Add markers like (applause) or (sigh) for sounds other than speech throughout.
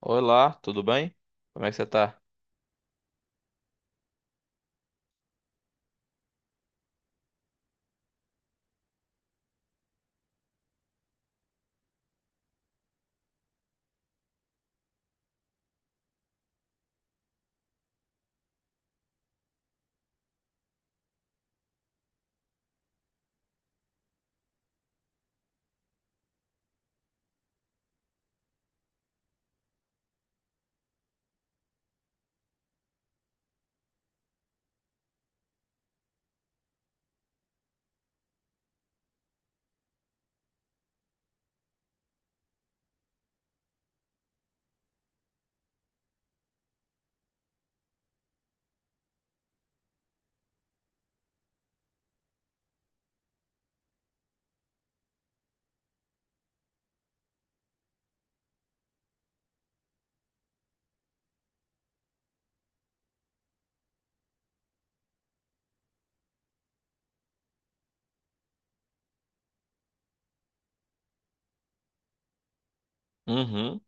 Olá, tudo bem? Como é que você tá? Uhum.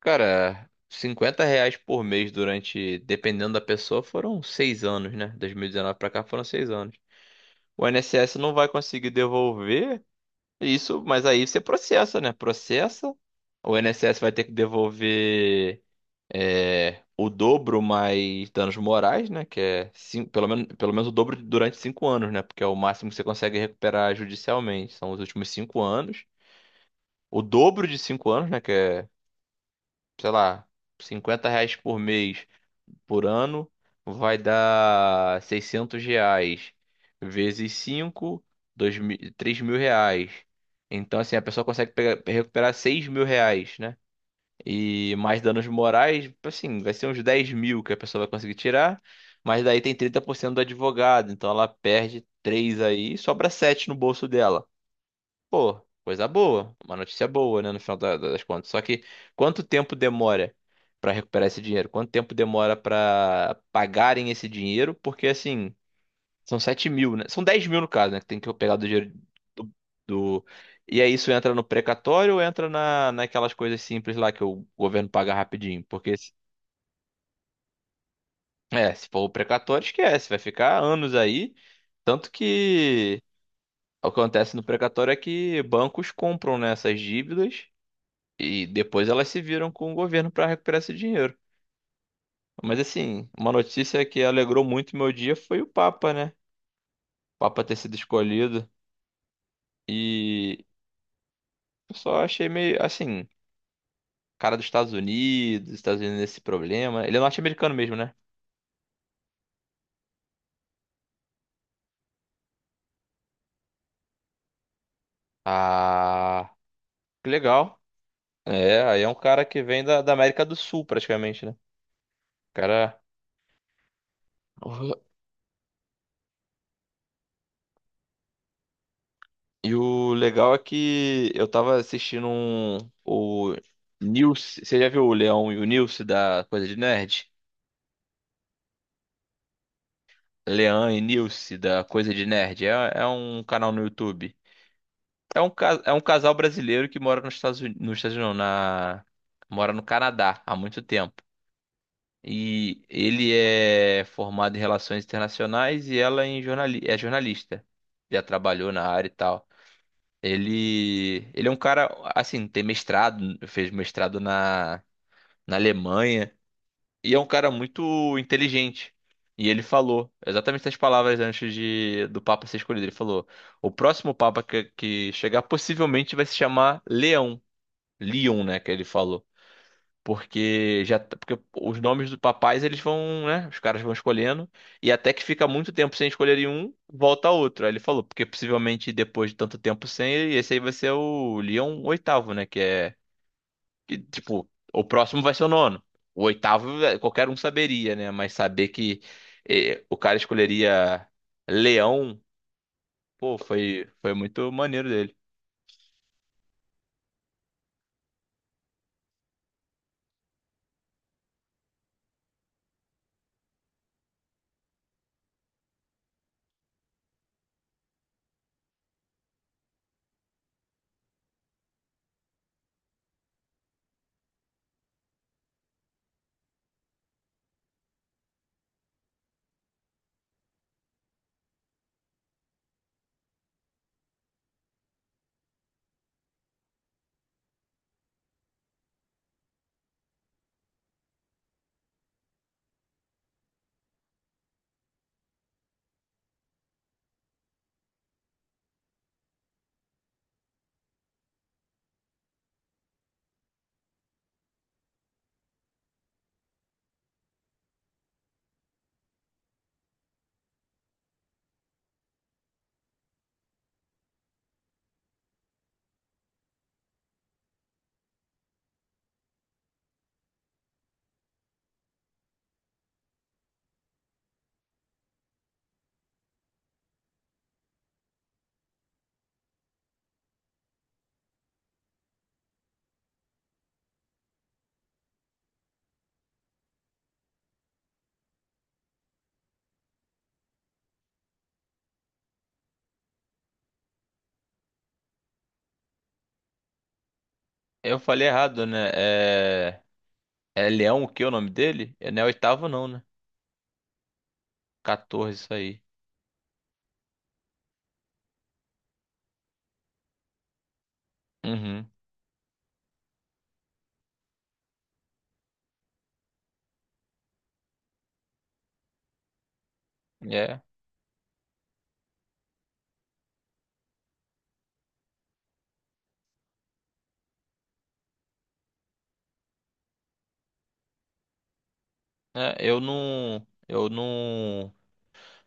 Cara, R$ 50 por mês durante, dependendo da pessoa, foram 6 anos, né? 2019 pra cá foram 6 anos. O INSS não vai conseguir devolver isso, mas aí você processa, né? Processa. O INSS vai ter que devolver, o dobro mais danos morais, né? Que é pelo menos o dobro durante 5 anos, né? Porque é o máximo que você consegue recuperar judicialmente. São os últimos 5 anos. O dobro de 5 anos, né? Que é, sei lá, R$ 50 por mês por ano, vai dar R$ 600 vezes 5, 2 mil, 3 mil reais. Então, assim, a pessoa consegue recuperar R$ 6.000, né? E mais danos morais, assim, vai ser uns 10.000 que a pessoa vai conseguir tirar, mas daí tem 30% do advogado, então ela perde 3 aí, sobra 7 no bolso dela. Pô, coisa boa, uma notícia boa, né, no final das contas. Só que quanto tempo demora pra recuperar esse dinheiro? Quanto tempo demora pra pagarem esse dinheiro? Porque assim, são 7.000, né? São 10.000 no caso, né? Que tem que eu pegar do dinheiro do, do- E aí isso entra no precatório ou entra na, naquelas coisas simples lá que o governo paga rapidinho? Porque, se- é, se for o precatório, esquece, vai ficar anos aí. Tanto que o que acontece no precatório é que bancos compram, né, essas dívidas. E depois elas se viram com o governo para recuperar esse dinheiro. Mas assim, uma notícia que alegrou muito meu dia foi o Papa, né? O Papa ter sido escolhido. E eu só achei meio assim, cara dos Estados Unidos, Estados Unidos nesse problema. Ele é norte-americano mesmo, né? Ah, que legal. É, aí é um cara que vem da, da América do Sul, praticamente, né? Cara. Uhum. E o legal é que eu tava assistindo um, o Nilce. Você já viu o Leão e o Nilce da Coisa de Nerd? Leão e Nilce, da Coisa de Nerd. É um canal no YouTube. É um casal brasileiro que mora nos Estados Unidos, não, na, mora no Canadá há muito tempo. E ele é formado em relações internacionais e ela em é jornalista. Já trabalhou na área e tal. Ele é um cara, assim, tem mestrado, fez mestrado na Alemanha. E é um cara muito inteligente. E ele falou exatamente essas palavras antes do Papa ser escolhido. Ele falou: o próximo Papa que chegar possivelmente vai se chamar Leão. Leon, né? Que ele falou. Porque os nomes dos papais eles vão, né? Os caras vão escolhendo. E até que fica muito tempo sem escolherem um, volta outro. Aí ele falou: porque possivelmente depois de tanto tempo sem, esse aí vai ser o Leão oitavo, né? Que é que, tipo, o próximo vai ser o nono. O oitavo, qualquer um saberia, né? Mas saber que o cara escolheria Leão, pô, foi, foi muito maneiro dele. Eu falei errado, né? É Leão o que é o nome dele? É, não é oitavo, não, né? 14, isso aí. Uhum. É. É, eu não. Eu não.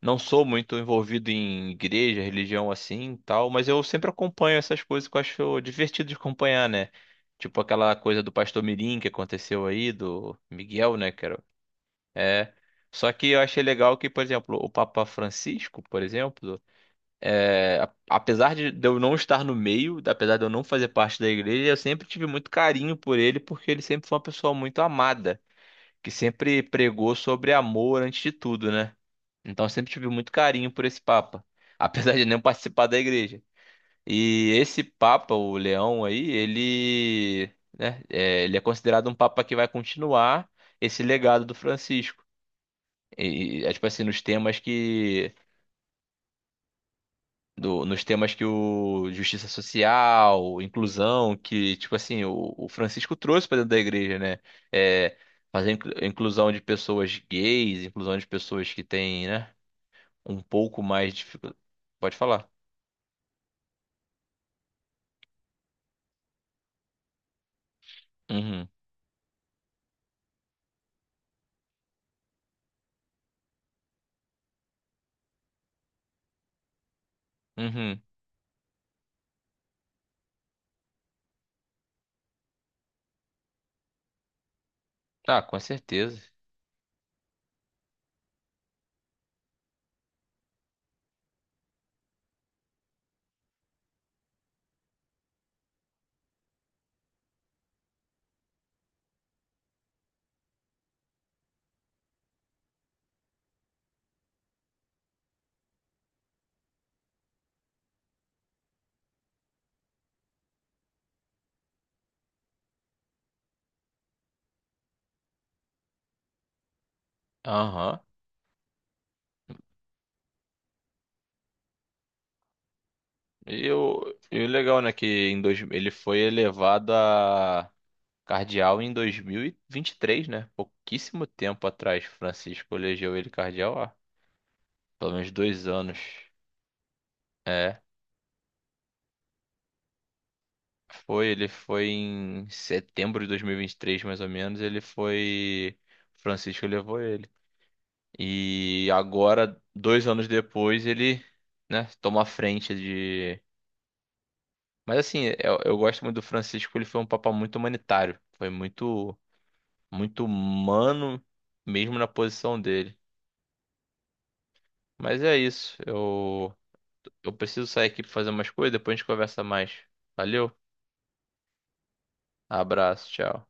Não sou muito envolvido em igreja, religião assim, e tal, mas eu sempre acompanho essas coisas que eu acho divertido de acompanhar, né? Tipo aquela coisa do Pastor Mirim que aconteceu aí, do Miguel, né, cara? É. Só que eu achei legal que, por exemplo, o Papa Francisco, por exemplo, apesar de eu não estar no meio, apesar de eu não fazer parte da igreja, eu sempre tive muito carinho por ele, porque ele sempre foi uma pessoa muito amada, que sempre pregou sobre amor antes de tudo, né? Então eu sempre tive muito carinho por esse Papa, (laughs) apesar de não participar da igreja. E esse Papa, o Leão aí, ele, né, ele é considerado um Papa que vai continuar esse legado do Francisco. E, é tipo assim, nos temas que o justiça social, inclusão, que tipo assim, o Francisco trouxe para dentro da igreja, né? É, fazer inclusão de pessoas gays, inclusão de pessoas que têm, né, um pouco mais de dificuldade. Pode falar. Uhum. Uhum. Ah, com certeza. Aham. E o legal, né, que ele foi elevado a cardeal em dois mil e vinte e três, né? Pouquíssimo tempo atrás, Francisco elegeu ele cardeal há pelo menos 2 anos. É, foi, ele foi em setembro de dois mil e vinte e três mais ou menos, ele foi, Francisco levou ele. E agora, 2 anos depois, ele, né, toma a frente. Mas assim, eu gosto muito do Francisco, ele foi um papa muito humanitário. Foi muito, muito humano, mesmo na posição dele. Mas é isso, eu preciso sair aqui pra fazer umas coisas, depois a gente conversa mais. Valeu, abraço, tchau.